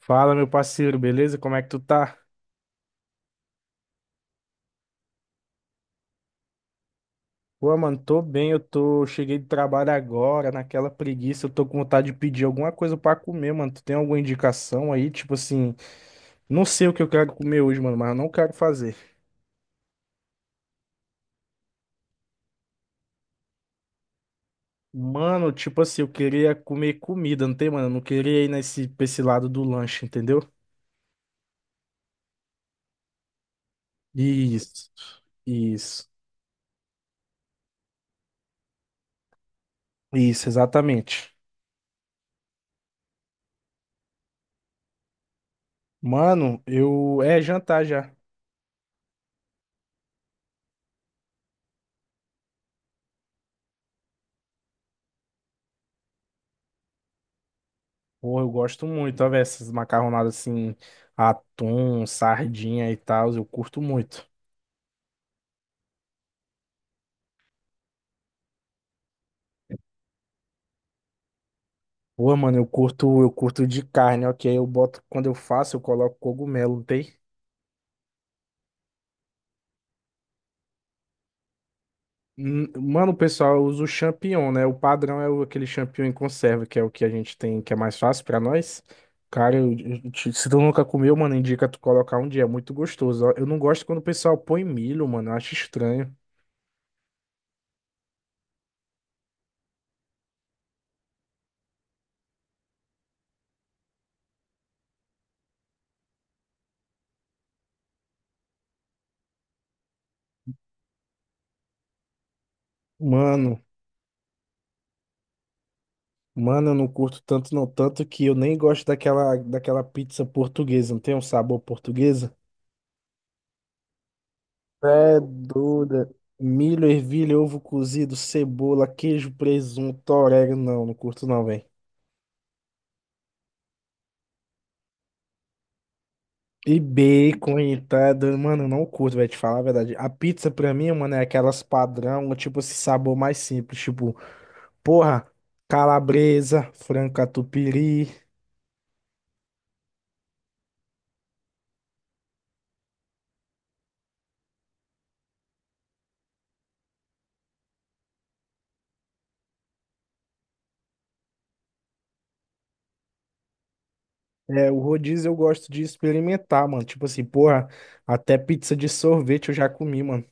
Fala, meu parceiro, beleza? Como é que tu tá? Pô, mano, tô bem, cheguei de trabalho agora, naquela preguiça, eu tô com vontade de pedir alguma coisa pra comer, mano. Tu tem alguma indicação aí? Tipo assim, não sei o que eu quero comer hoje, mano, mas eu não quero fazer. Mano, tipo assim, eu queria comer comida, não tem, mano? Eu não queria ir pra esse lado do lanche, entendeu? Isso, isso, isso, exatamente. Mano, é jantar já. Pô, eu gosto muito, ó, velho, essas macarronadas assim, atum, sardinha e tal, eu curto muito. Pô, mano, eu curto de carne, ok? Eu boto, quando eu faço, eu coloco cogumelo, não tem? Hum. Mano, pessoal, eu uso o champignon, né? O padrão é aquele champignon em conserva, que é o que a gente tem, que é mais fácil pra nós. Cara, se tu nunca comeu, mano, indica tu colocar um dia, é muito gostoso, ó. Eu não gosto quando o pessoal põe milho, mano, eu acho estranho. Mano. Mano, eu não curto tanto, não. Tanto que eu nem gosto daquela pizza portuguesa. Não tem um sabor portuguesa? É dura. Milho, ervilha, ovo cozido, cebola, queijo, presunto, orégano. Não, não curto, não, velho. E bacon e tá doido. Mano, eu não curto, velho, te falar a verdade. A pizza pra mim, mano, é aquelas padrão, tipo esse sabor mais simples. Tipo, porra, calabresa, frango catupiry. É, o rodízio eu gosto de experimentar, mano. Tipo assim, porra, até pizza de sorvete eu já comi, mano.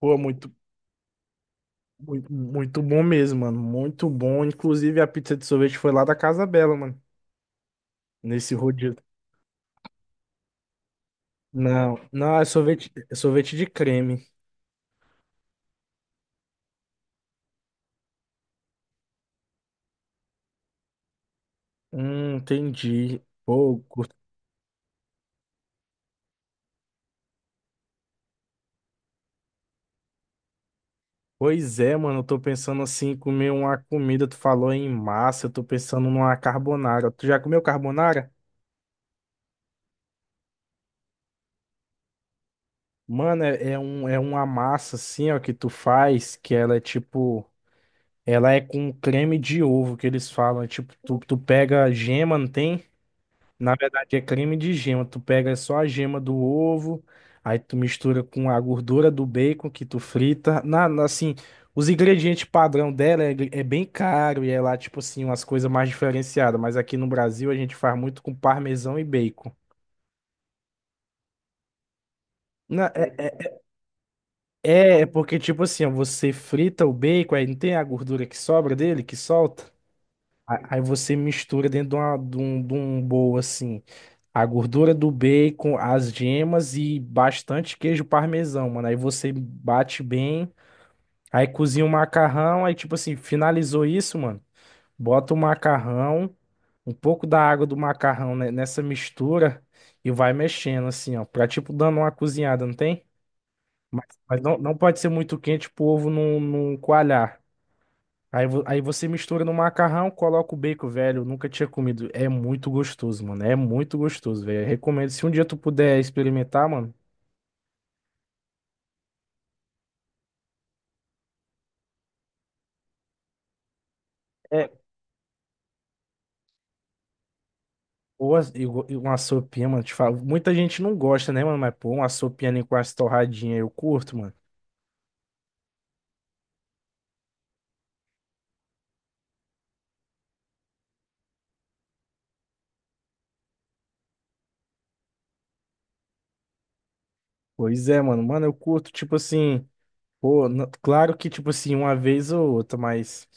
Pô, muito, muito, muito bom mesmo, mano. Muito bom. Inclusive, a pizza de sorvete foi lá da Casa Bela, mano. Nesse rodízio. Não, não, é sorvete de creme. Entendi. Pô, curto. Pois é, mano. Eu tô pensando assim, em comer uma comida. Tu falou em massa, eu tô pensando numa carbonara. Tu já comeu carbonara? Mano, é uma massa assim, ó, que tu faz, que ela é tipo. Ela é com creme de ovo, que eles falam. É tipo, tu pega a gema, não tem? Na verdade, é creme de gema. Tu pega só a gema do ovo, aí tu mistura com a gordura do bacon que tu frita. Assim, os ingredientes padrão dela é bem caro e é lá, tipo assim, umas coisas mais diferenciadas. Mas aqui no Brasil a gente faz muito com parmesão e bacon. É. É, é porque, tipo assim, ó, você frita o bacon, aí não tem a gordura que sobra dele, que solta? Aí você mistura dentro de um bowl, assim, a gordura do bacon, as gemas e bastante queijo parmesão, mano. Aí você bate bem, aí cozinha o macarrão, aí, tipo assim, finalizou isso, mano. Bota o macarrão, um pouco da água do macarrão, né, nessa mistura e vai mexendo, assim, ó, pra, tipo, dando uma cozinhada, não tem? Mas não, não pode ser muito quente pro ovo não, não coalhar. Aí você mistura no macarrão, coloca o bacon, velho. Eu nunca tinha comido. É muito gostoso, mano. É muito gostoso, velho. Eu recomendo. Se um dia tu puder experimentar, mano. É. Ou as- e go- e uma sopinha, mano. Te falo. Muita gente não gosta, né, mano? Mas, pô, uma sopinha ali com as torradinhas, eu curto, mano. Pois é, mano. Mano, eu curto, tipo assim. Pô, claro que, tipo assim, uma vez ou outra, mas.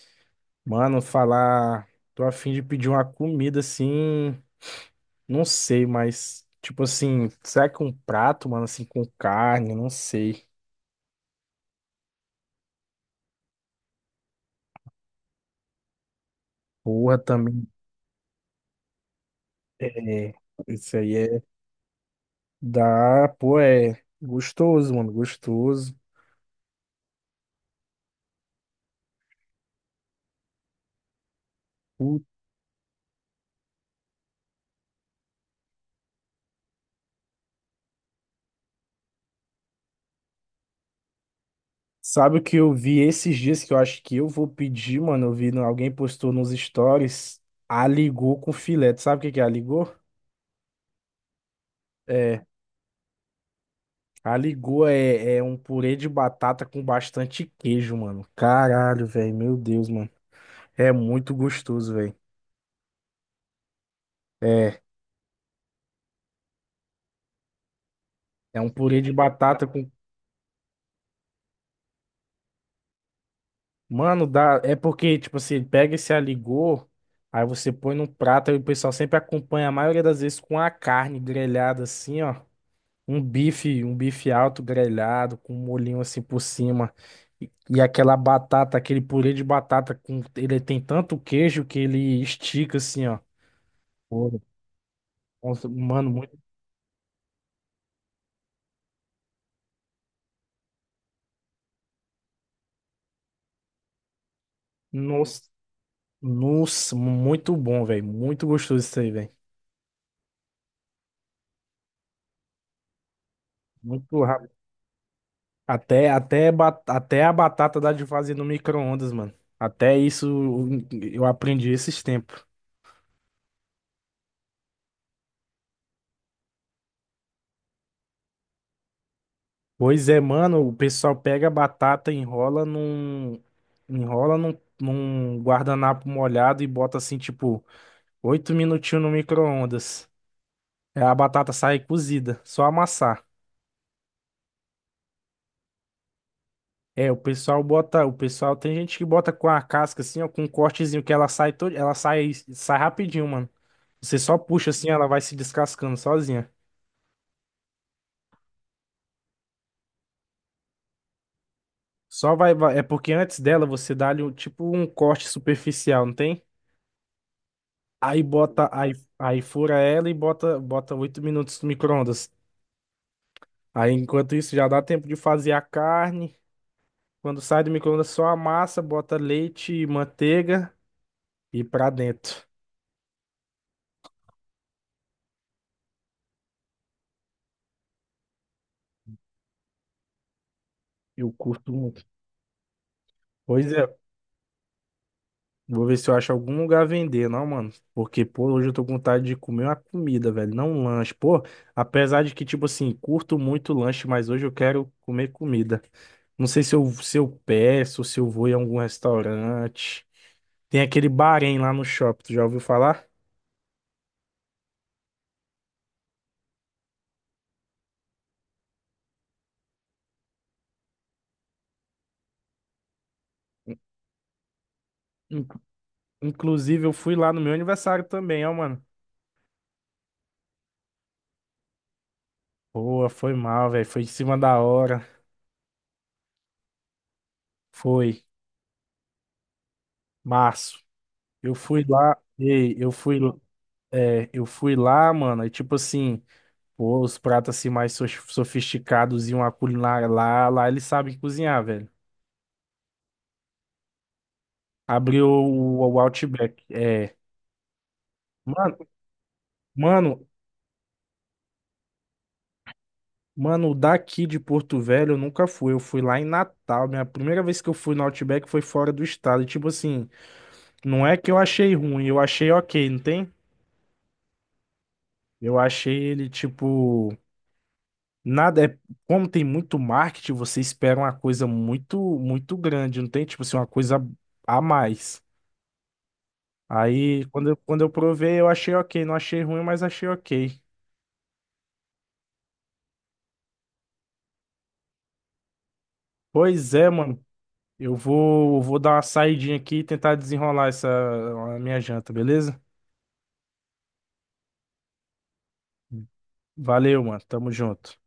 Mano, falar. Tô a fim de pedir uma comida assim. Não sei, mas, tipo assim, será que um prato, mano, assim, com carne? Não sei. Porra, também. É. Isso aí é. Dá. Pô, é. Gostoso, mano, gostoso. Putz. Sabe o que eu vi esses dias que eu acho que eu vou pedir, mano? Eu vi, alguém postou nos stories. Aligô com filé. Tu sabe o que que é aligô? É. Aligô é um purê de batata com bastante queijo, mano. Caralho, velho. Meu Deus, mano. É muito gostoso, velho. É, É um purê de batata com. Mano, dá. É porque, tipo assim, ele pega esse aligô, aí você põe num prato, aí o pessoal sempre acompanha, a maioria das vezes, com a carne grelhada assim, ó. Um bife alto grelhado, com um molhinho assim por cima. E aquela batata, aquele purê de batata com. Ele tem tanto queijo que ele estica assim, ó. Pô, nossa, mano, muito. Nossa, nossa, muito bom, velho. Muito gostoso isso aí, velho. Muito. Até a batata dá de fazer no micro-ondas, mano. Até isso eu aprendi esses tempos. Pois é, mano, o pessoal pega a batata, enrola num guardanapo molhado e bota assim, tipo, 8 minutinhos no micro-ondas. É. A batata sai cozida, só amassar. É, o pessoal bota, o pessoal tem gente que bota com a casca assim, ó, com um cortezinho que ela sai, todo, sai rapidinho, mano. Você só puxa assim, ela vai se descascando sozinha. É porque antes dela você dá-lhe tipo um corte superficial, não tem? Aí bota. Aí fura ela e bota 8 minutos no micro-ondas. Aí enquanto isso já dá tempo de fazer a carne. Quando sai do micro-ondas, só a massa, bota leite e manteiga e pra dentro. Eu curto muito. Pois é. Vou ver se eu acho algum lugar a vender, não, mano. Porque, pô, hoje eu tô com vontade de comer uma comida, velho, não um lanche. Pô, apesar de que, tipo assim, curto muito lanche, mas hoje eu quero comer comida. Não sei se eu peço, se eu vou em algum restaurante. Tem aquele Bahrein lá no shopping, tu já ouviu falar? In- Inclusive, eu fui lá no meu aniversário também, ó, mano. Boa, foi mal, velho. Foi em cima da hora. Foi março. Eu fui lá, ei, eu fui, é, Eu fui lá, mano. E tipo assim. Pô, os pratos assim mais sofisticados e uma culinária lá, lá ele sabe cozinhar, velho. Abriu o Outback. É. Mano, mano, Mano, daqui de Porto Velho eu nunca fui. Eu fui lá em Natal. Minha primeira vez que eu fui no Outback foi fora do estado. E, tipo assim, não é que eu achei ruim, eu achei ok, não tem? Eu achei ele, tipo. Nada é. Como tem muito marketing, você espera uma coisa muito, muito grande, não tem? Tipo assim, uma coisa a mais. Aí, quando eu provei, eu achei ok. Não achei ruim, mas achei ok. Pois é, mano. Vou dar uma saidinha aqui e tentar desenrolar essa a minha janta, beleza? Valeu, mano. Tamo junto.